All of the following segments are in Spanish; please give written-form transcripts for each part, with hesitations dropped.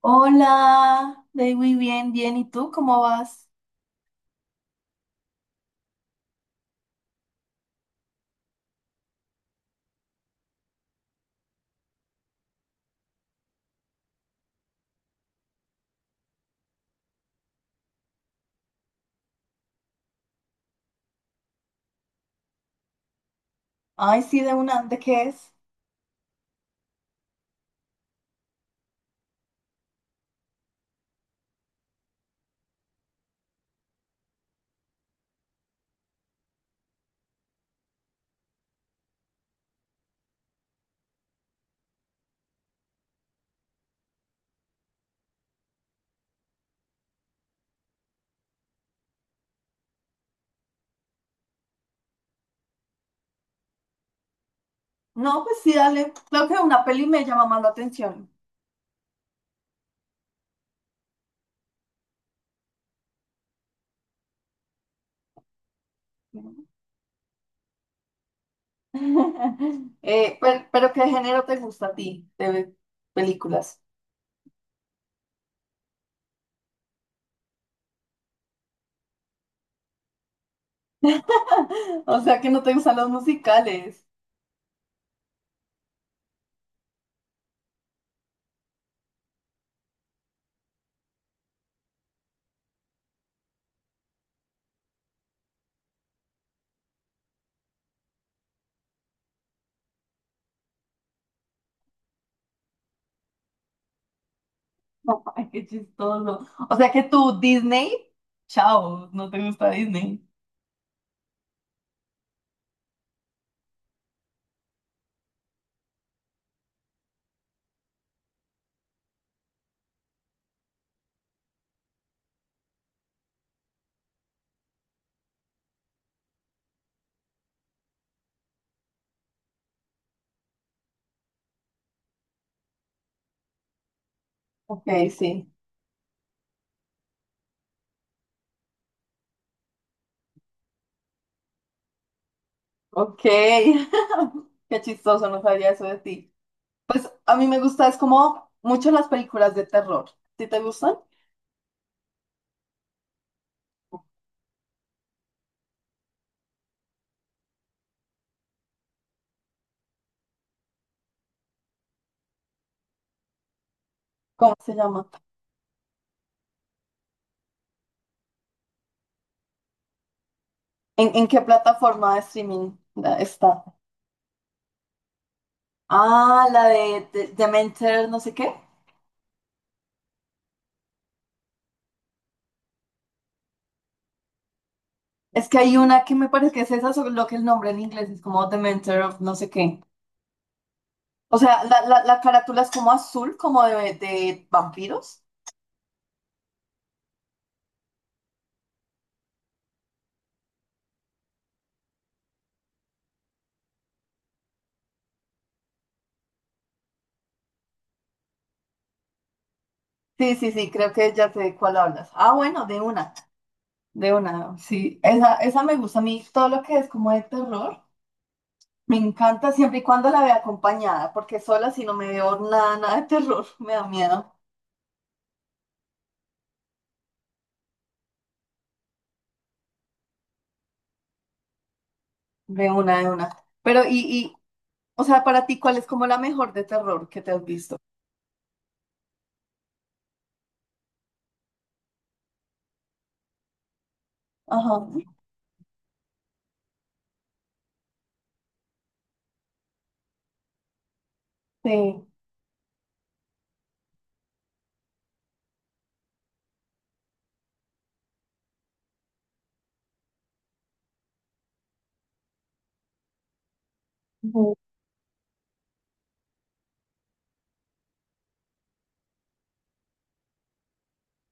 Hola, Day, muy bien, bien. ¿Y tú cómo vas? Ay, sí, de una, ¿de qué es? No, pues sí, dale. Creo que una peli me llama más la atención. Pero, ¿qué género te gusta a ti de películas? O sea, que no te gustan los musicales. Ay, qué chistoso. O sea, que tú, Disney, chao, no te gusta Disney. Ok, sí. Ok, qué chistoso, no sabía eso de ti. A mí me gusta, es como mucho las películas de terror. ¿Sí te gustan? ¿Cómo se llama? ¿En qué plataforma de streaming está? Ah, la de, Dementor, no sé qué. Es que hay una que me parece que es esa, solo que el nombre en inglés es como Dementor of no sé qué. O sea, la carátula es como azul, como de vampiros. Sí, sí, sí, creo que ya sé de cuál hablas. Ah, bueno, de una, sí. Esa me gusta a mí, todo lo que es como de terror. Me encanta siempre y cuando la vea acompañada, porque sola si no me veo nada, nada de terror, me da miedo. De una, de una. Pero, y, o sea, para ti, ¿cuál es como la mejor de terror que te has visto? Ajá, sí. Ujú.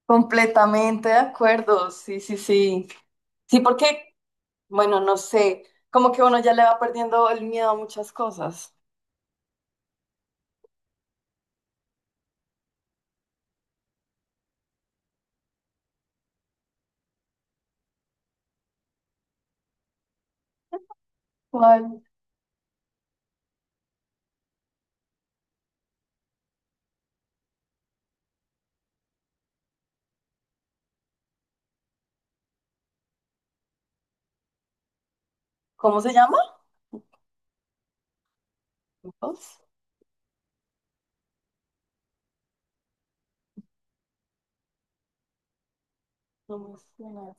Completamente de acuerdo, sí, sí, sí. Sí, porque, bueno, no sé, como que uno ya le va perdiendo el miedo a muchas cosas. ¿Cuál? ¿Cómo se llama? Us? No me suena.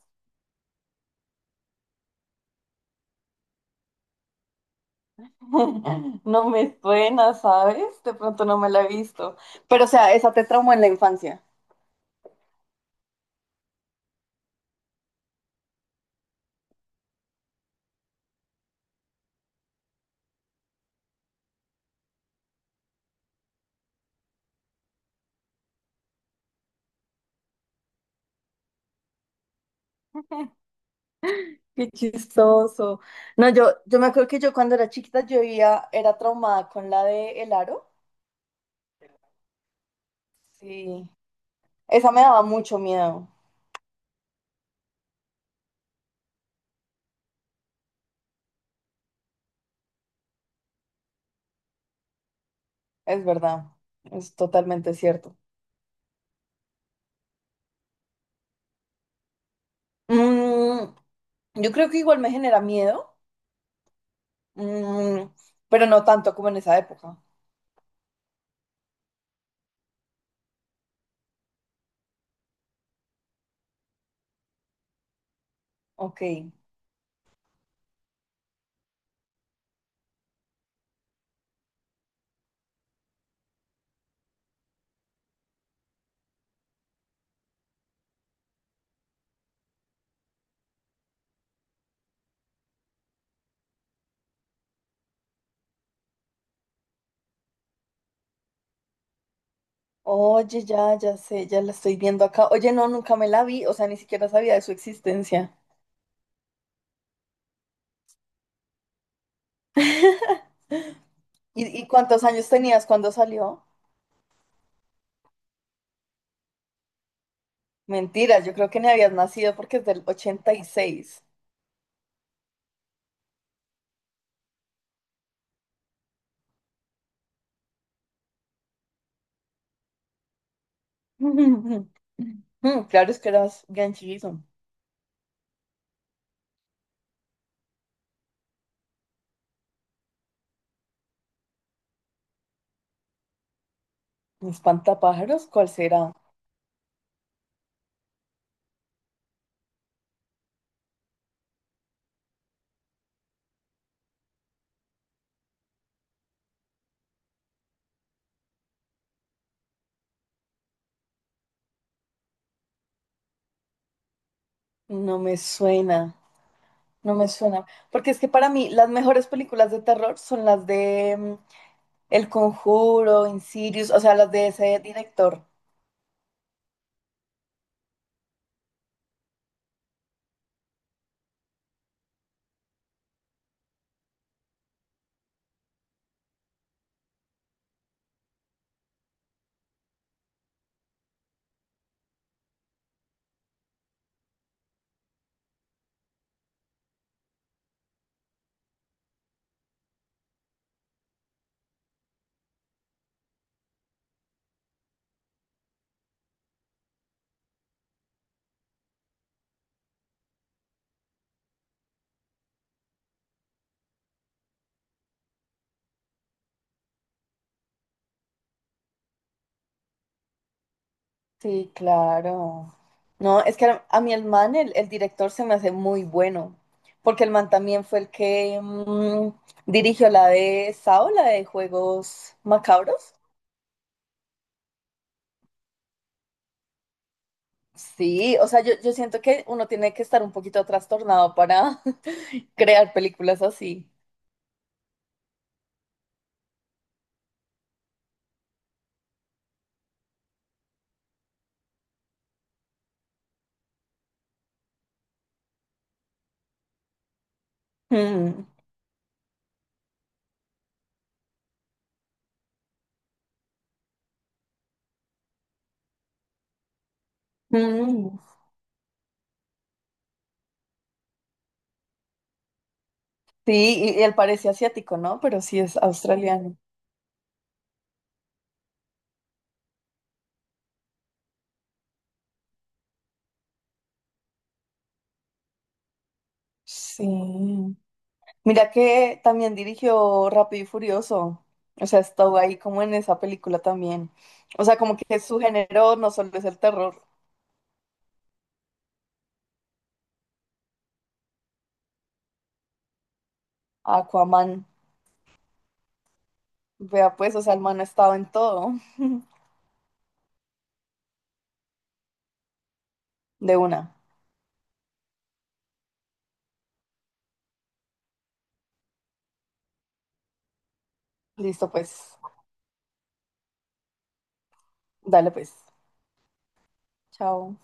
No me suena, ¿sabes? De pronto no me la he visto. Pero, o sea, esa te traumó en la infancia. Qué chistoso. No, yo me acuerdo que yo cuando era chiquita yo era traumada con la de El Aro. Sí. Esa me daba mucho miedo. Es verdad. Es totalmente cierto. Mm, yo creo que igual me genera miedo, mm, pero no tanto como en esa época. Ok. Oye, ya sé, ya la estoy viendo acá. Oye, no, nunca me la vi, o sea, ni siquiera sabía de su existencia. ¿Y cuántos años tenías cuando salió? Mentira, yo creo que ni habías nacido porque es del 86. Mm, claro, es que eras bien chiquito. ¿Un espantapájaros? ¿Cuál será? No me suena, no me suena. Porque es que para mí las mejores películas de terror son las de, mm, El Conjuro, Insidious, o sea, las de ese director. Sí, claro. No, es que a mí el man, el director se me hace muy bueno, porque el man también fue el que mm, dirigió la de Sao, la de Juegos Macabros. Sí, o sea, yo siento que uno tiene que estar un poquito trastornado para crear películas así. Mm, mm. Sí, y él parece asiático, ¿no? Pero sí es australiano. Sí. Mira que también dirigió Rápido y Furioso. O sea, estuvo ahí como en esa película también. O sea, como que su género no solo es el terror. Aquaman. Vea pues, o sea, el man ha estado en todo. De una. Listo pues. Dale pues. Chao.